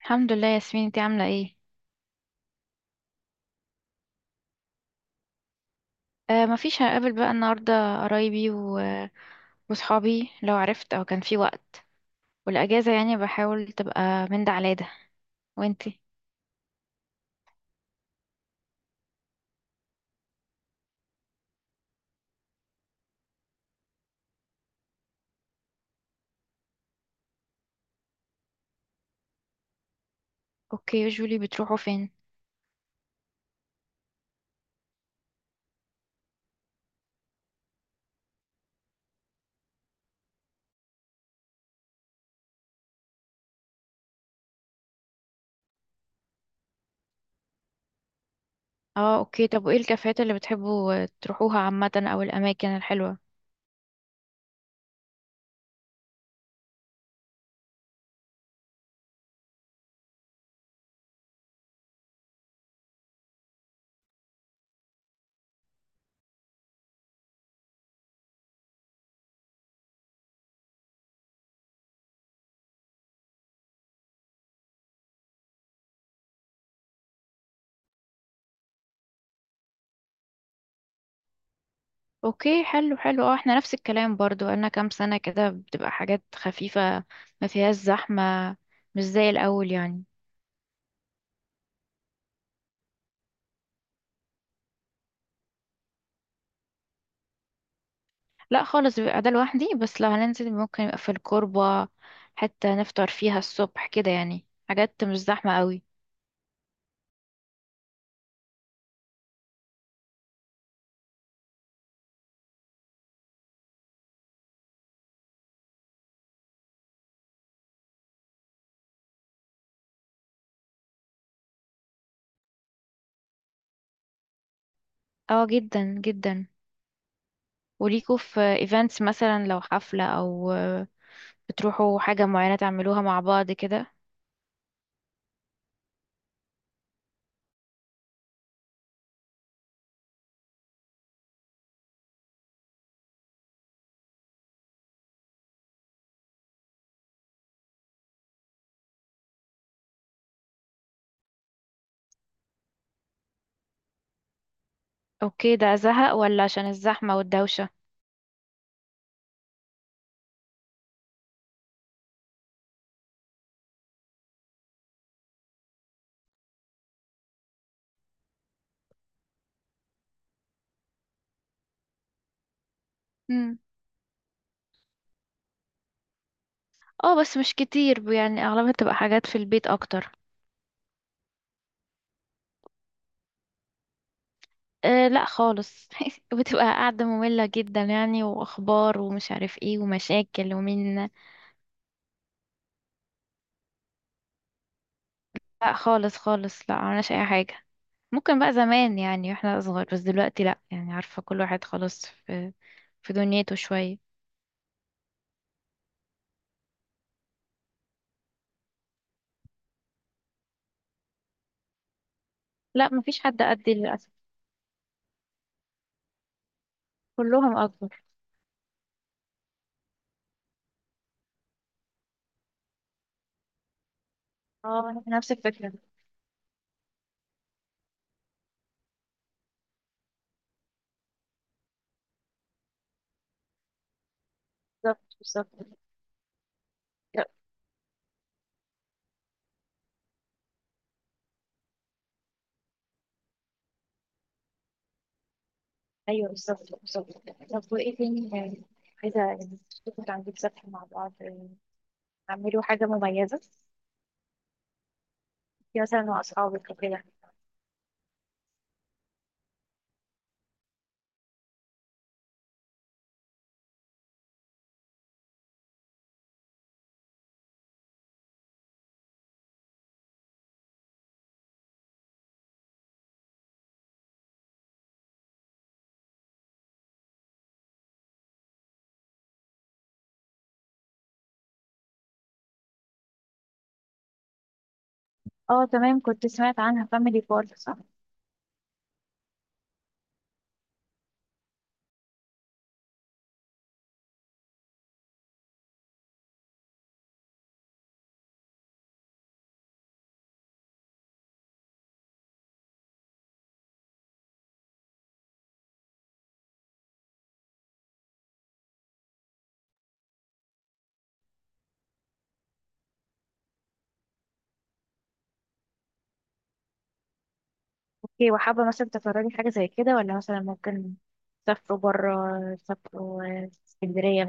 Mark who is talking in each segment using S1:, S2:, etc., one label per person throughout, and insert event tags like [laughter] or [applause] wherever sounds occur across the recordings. S1: الحمد لله يا ياسمين، انتي عاملة ايه؟ آه مفيش، هقابل بقى النهاردة قرايبي وصحابي لو عرفت او كان في وقت. والاجازة يعني بحاول تبقى من ده على ده. وانتي؟ اوكي. يوجولي، بتروحوا فين؟ اه اوكي، طب وايه الكافيهات اللي بتحبوا تروحوها عامة او الاماكن الحلوة؟ اوكي حلو حلو. اه احنا نفس الكلام برضو، انا كام سنة كده بتبقى حاجات خفيفة ما فيهاش زحمة، مش زي الاول يعني. لا خالص، بيبقى ده لوحدي، بس لو هننزل ممكن يبقى في الكوربة، حتى نفطر فيها الصبح كده، يعني حاجات مش زحمة قوي. اه جدا جدا. وليكوا في ايفنتس مثلا، لو حفلة او بتروحوا حاجة معينة تعملوها مع بعض كده؟ اوكي، ده زهق ولا عشان الزحمة والدوشة؟ مم. اه بس مش كتير يعني، اغلبها بتبقى حاجات في البيت اكتر. أه لا خالص. [laughs] بتبقى قاعدة مملة جدا يعني، واخبار ومش عارف ايه ومشاكل ومين. لا خالص خالص، لا عملناش اي حاجه. ممكن بقى زمان يعني واحنا اصغر، بس دلوقتي لا، يعني عارفه كل واحد خلاص في دنيته شويه. لا مفيش حد قدي للاسف. كلهم اكبر. اه أنا في نفس الفكره. بالظبط بالظبط. لا، ايوه بالظبط بالظبط. طب وايه تاني يعني؟ عايزه يعني تشوفوا تعملوا سفر مع بعض يعني، تعملوا حاجه مميزه، في مثلا مع اصحابك وكده؟ اه تمام، كنت سمعت عنها، فاميلي بارك صح؟ اوكي، وحابة مثلا تتفرجي حاجة زي كده، ولا مثلا ممكن تسافروا برا، تسافروا اسكندرية؟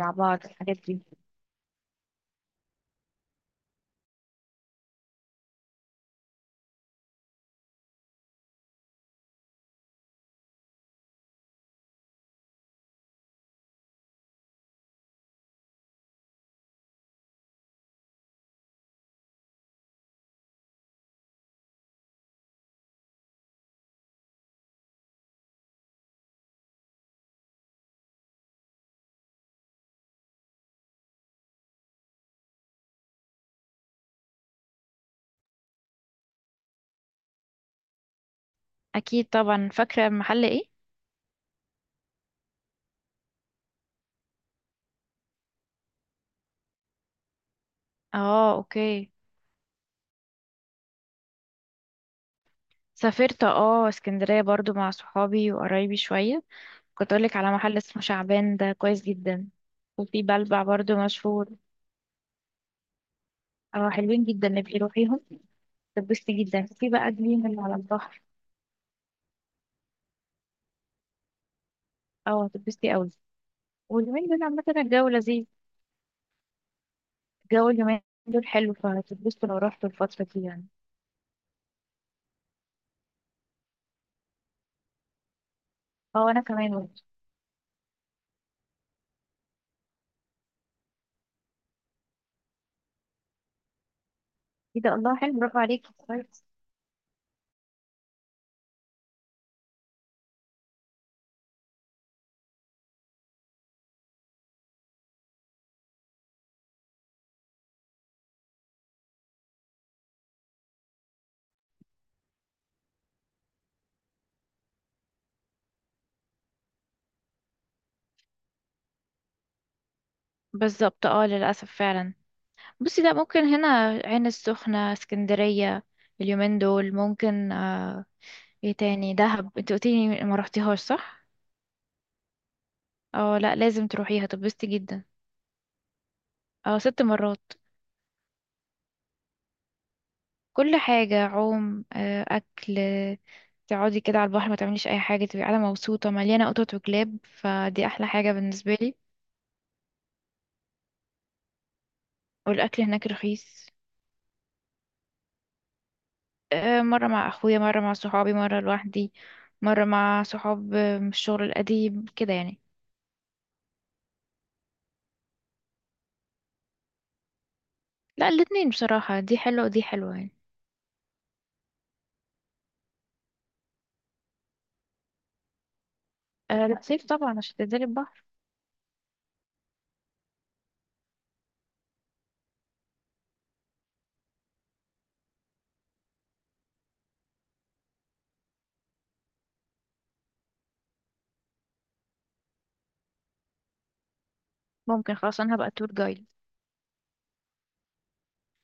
S1: اكيد طبعا. فاكره المحل ايه؟ اه اوكي. سافرت اه اسكندريه برضو مع صحابي وقرايبي شويه. كنت اقولك على محل اسمه شعبان، ده كويس جدا، وفي بلبع برضو مشهور. اه حلوين جدا، نبقي روحيهم. تبسطي جدا في بقى جليم اللي على البحر. اه هتتبسطي قوي. واليومين دول عامه الجو لذيذ. الجو اليومين دول حلو، فهتتبسطوا لو رحتوا الفتره دي يعني. اه انا كمان. ايه ده! الله حلو، برافو عليكي، كويس. بالظبط اه للأسف فعلا. بصي ده ممكن هنا عين السخنة، اسكندرية، اليومين دول ممكن. ايه تاني؟ دهب انت قلتيلي ما رحتيهاش صح؟ اه لا، لازم تروحيها تبسطي جدا. اه 6 مرات. كل حاجة، عوم أكل، تقعدي كده على البحر، ما تعمليش أي حاجة، تبقي قاعدة مبسوطة مليانة قطط وكلاب، فدي أحلى حاجة بالنسبة لي. والأكل هناك رخيص. آه، مرة مع أخويا، مرة مع صحابي، مرة لوحدي، مرة مع صحاب من الشغل القديم كده يعني. لا الاتنين بصراحة، دي حلوة ودي حلوة يعني. أه لا صيف طبعا عشان تنزلي البحر. ممكن خلاص، أنا هبقى تور جايد.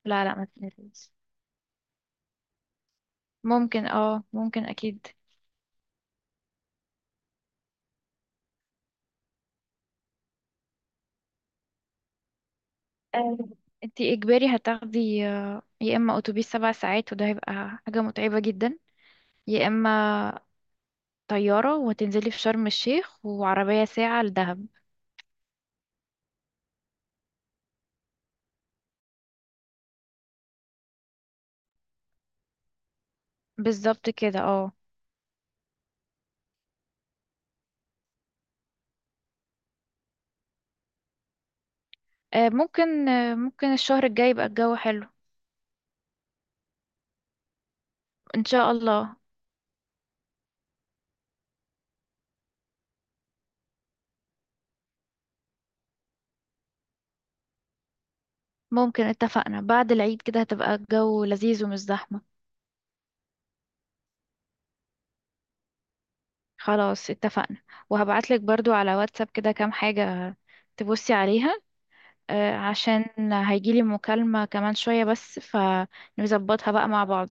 S1: لا لا ما تنزليش. ممكن أكيد. أه انتي إجباري هتاخدي يا إما أتوبيس 7 ساعات وده هيبقى حاجة متعبة جدا، يا إما طيارة وتنزلي في شرم الشيخ وعربية ساعة لدهب. بالظبط كده اه. ممكن الشهر الجاي يبقى الجو حلو. ان شاء الله. ممكن، اتفقنا بعد العيد كده هتبقى الجو لذيذ ومش زحمة. خلاص اتفقنا. وهبعتلك برضو على واتساب كده كام حاجة تبصي عليها. عشان هيجيلي مكالمة كمان شوية بس، فنظبطها بقى مع بعض.